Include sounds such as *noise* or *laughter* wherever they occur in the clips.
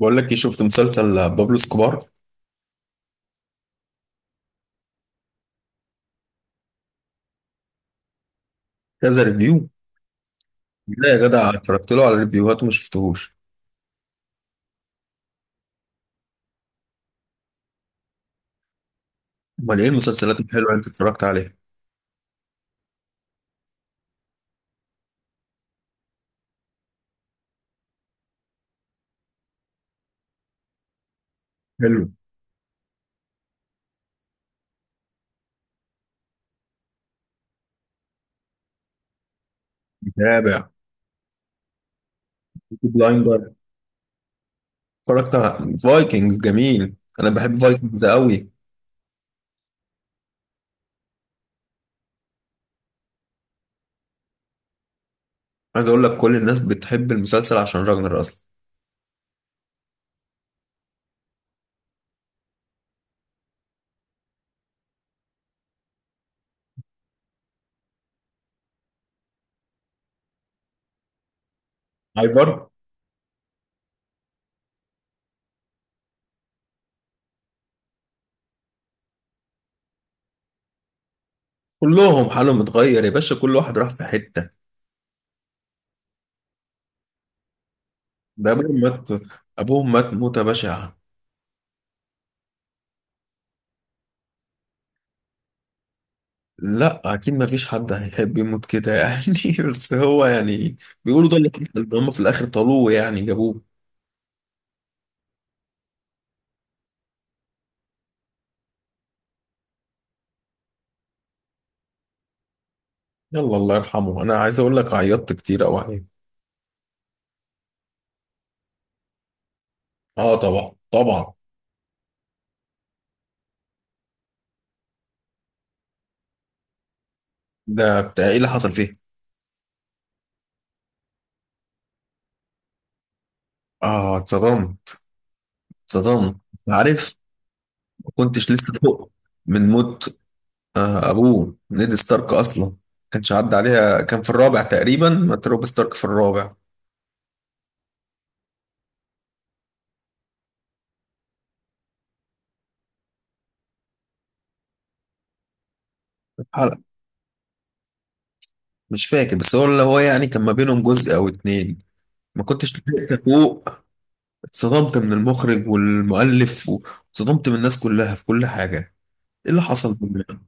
بقول لك ايه، شفت مسلسل بابلو سكوبار؟ كذا ريفيو. لا يا جدع، اتفرجت له على ريفيوهات وما شفتهوش. امال ايه المسلسلات الحلوه اللي انت اتفرجت عليها؟ حلو. متابع. بلايندر. اتفرجت على فايكنجز، جميل، انا بحب فايكنجز قوي. عايز اقول لك كل الناس بتحب المسلسل عشان راجنر اصلا. ايفر. كلهم حالهم اتغير يا باشا، كل واحد راح في حته. ده ابوهم مات. ابوهم مات موته بشعه. لا اكيد، ما فيش حد هيحب يموت كده يعني. *laughs* بس هو يعني بيقولوا ده اللي حصل، إن هم في الاخر طالوه يعني جابوه. يلا الله يرحمه، انا عايز اقول لك عيطت كتير قوي عليه. اه طبعا طبعا. ده بتاع ايه اللي حصل فيه؟ اه اتصدمت. اتصدمت. عارف، ما كنتش لسه فوق من موت آه ابوه نيد ستارك اصلا. كانش عدى عليها، كان في الرابع تقريبا، مات روب ستارك في الرابع. حلقة، مش فاكر، بس هو اللي هو يعني كان ما بينهم جزء او اتنين. ما كنتش لسه فوق. اتصدمت من المخرج والمؤلف، واتصدمت من الناس كلها في كل حاجة. ايه اللي حصل بالله؟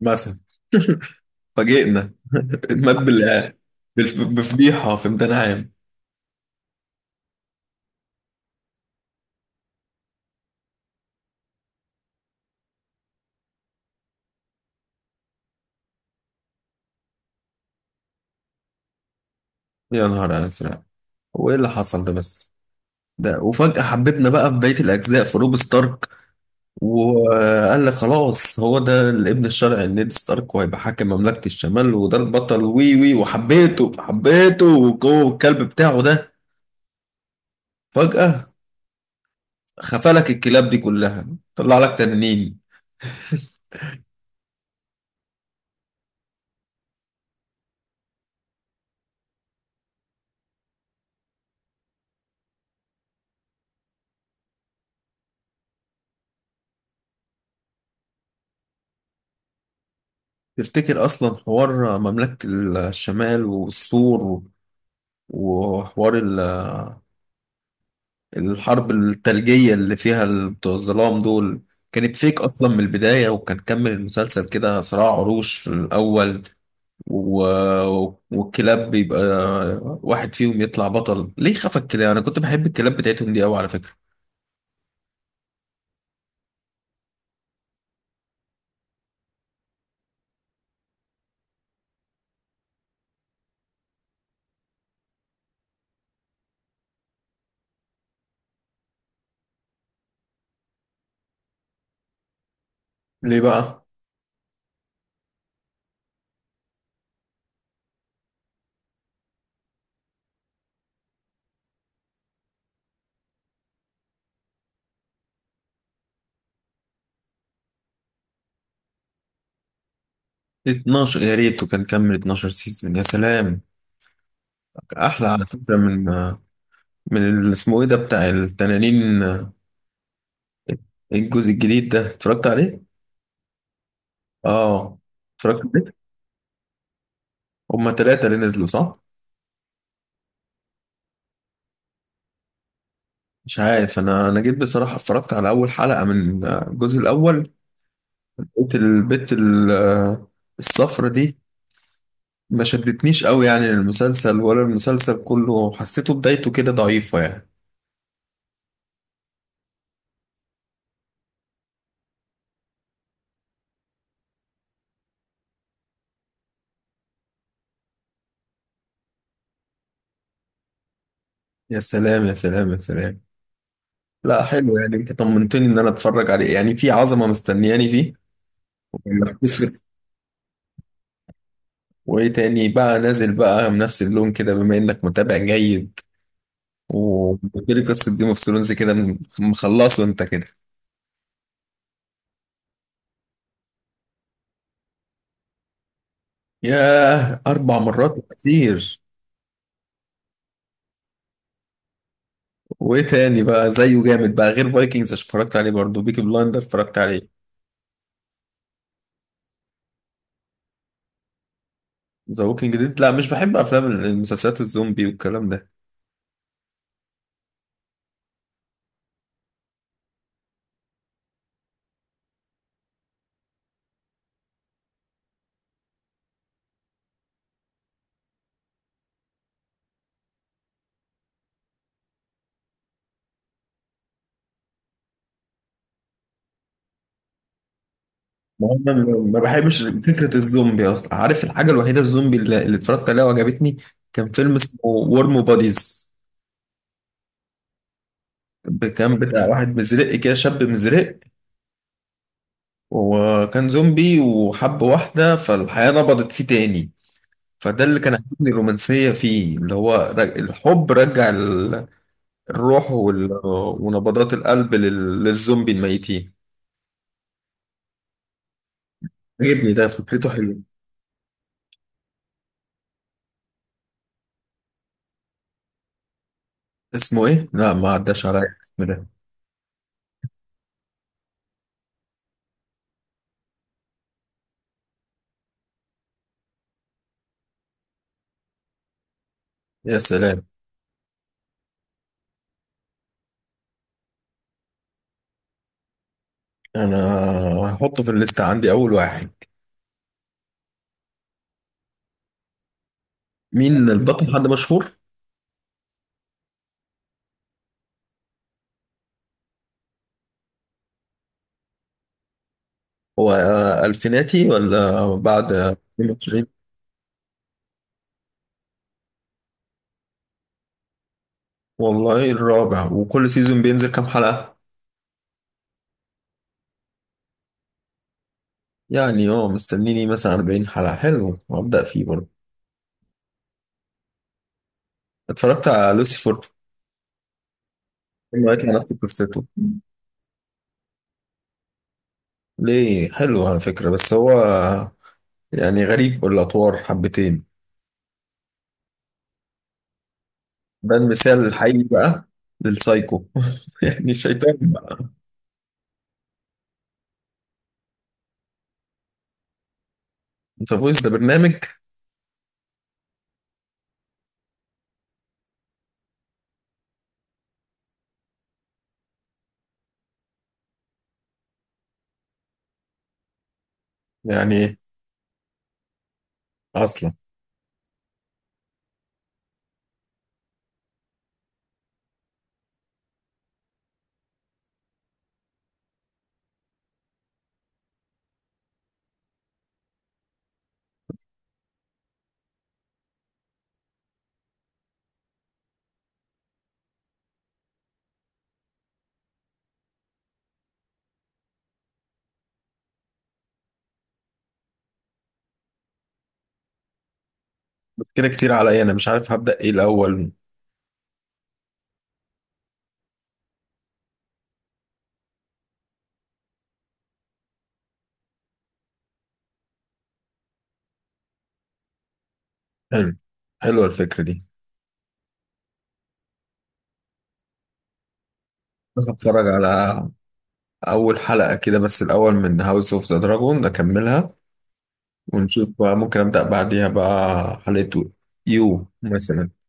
مثلا فاجئنا. مات بفضيحة في امتحان عام. يا نهار أزرق، هو ايه اللي حصل ده بس؟ ده وفجأة حبيتنا بقى في بقية الأجزاء في روب ستارك، وقال لك خلاص هو ده الابن الشرعي لنيد ستارك، وهيبقى حاكم مملكة الشمال، وده البطل، وي وي، وحبيته حبيته. والكلب بتاعه ده، فجأة خفلك الكلاب دي كلها، طلع لك تنانين. تفتكر أصلا حوار مملكة الشمال والسور، وحوار الحرب الثلجية اللي فيها بتوع الظلام دول، كانت فيك أصلا من البداية، وكان كمل المسلسل كده صراع عروش في الأول و... والكلاب بيبقى واحد فيهم يطلع بطل، ليه خفك كده؟ أنا كنت بحب الكلاب بتاعتهم دي أوي على فكرة. ليه بقى؟ 12 يا ريت، وكان كمل 12 سيزون يا سلام، أحلى على فكرة. من اللي اسمه إيه ده بتاع التنانين؟ ايه الجزء الجديد ده؟ اتفرجت عليه؟ اه اتفرجت عليه. هما تلاتة اللي نزلوا صح؟ مش عارف، انا جيت بصراحة اتفرجت على اول حلقة من الجزء الاول. لقيت البت الصفرة دي، ما شدتنيش قوي يعني المسلسل، ولا المسلسل كله حسيته بدايته كده ضعيفة يعني. يا سلام يا سلام يا سلام، لا حلو، يعني انت طمنتني ان انا اتفرج عليه، يعني في عظمة مستنياني فيه. ولا خسر؟ وايه تاني بقى نازل بقى بنفس اللون كده، بما انك متابع جيد، وبالتالي قصة جيم اوف ثرونز كده مخلصه انت كده. ياه أربع مرات كتير. وإيه تاني بقى زيه جامد بقى؟ غير فايكنجز اتفرجت عليه برضه، بيكي بلايندر اتفرجت عليه. ذا ووكينج ديد؟ لا مش بحب أفلام المسلسلات الزومبي والكلام ده. ما هو أنا ما بحبش فكرة الزومبي أصلا. عارف الحاجة الوحيدة الزومبي اللي اتفرجت عليها وعجبتني؟ كان فيلم اسمه ورم بوديز. كان بتاع واحد مزرق كده، شاب مزرق، وكان زومبي وحب واحدة، فالحياة نبضت فيه تاني. فده اللي كان عاجبني، الرومانسية فيه، اللي هو الحب رجع الروح ونبضات القلب للزومبي الميتين. عجبني ده، فكرته حلوة. اسمه ايه؟ لا ما عداش عليا الاسم ده. يا سلام، انا هحطه في الليست عندي اول واحد. مين البطل، حد مشهور؟ هو الفيناتي ولا بعد 22؟ والله الرابع؟ وكل سيزون بينزل كام حلقة؟ يعني اه مستنيني مثلا 40 حلقة، حلو، وابدأ فيه برضه. اتفرجت على لوسيفر؟ ما يطلع نفس قصته. ليه، حلو على فكرة، بس هو يعني غريب الأطوار حبتين. ده المثال الحقيقي بقى للسايكو. *laughs* يعني الشيطان بقى. انت فويس ده برنامج؟ يعني أصلا. بس كده كتير عليا، أنا مش عارف هبدأ إيه الأول. حلو، حلوة الفكرة دي. بس هتفرج على أول حلقة كده بس الأول من هاوس أوف ذا دراجون أكملها، ونشوف بقى ممكن أبدأ بعديها بقى حلقة يو مثلا.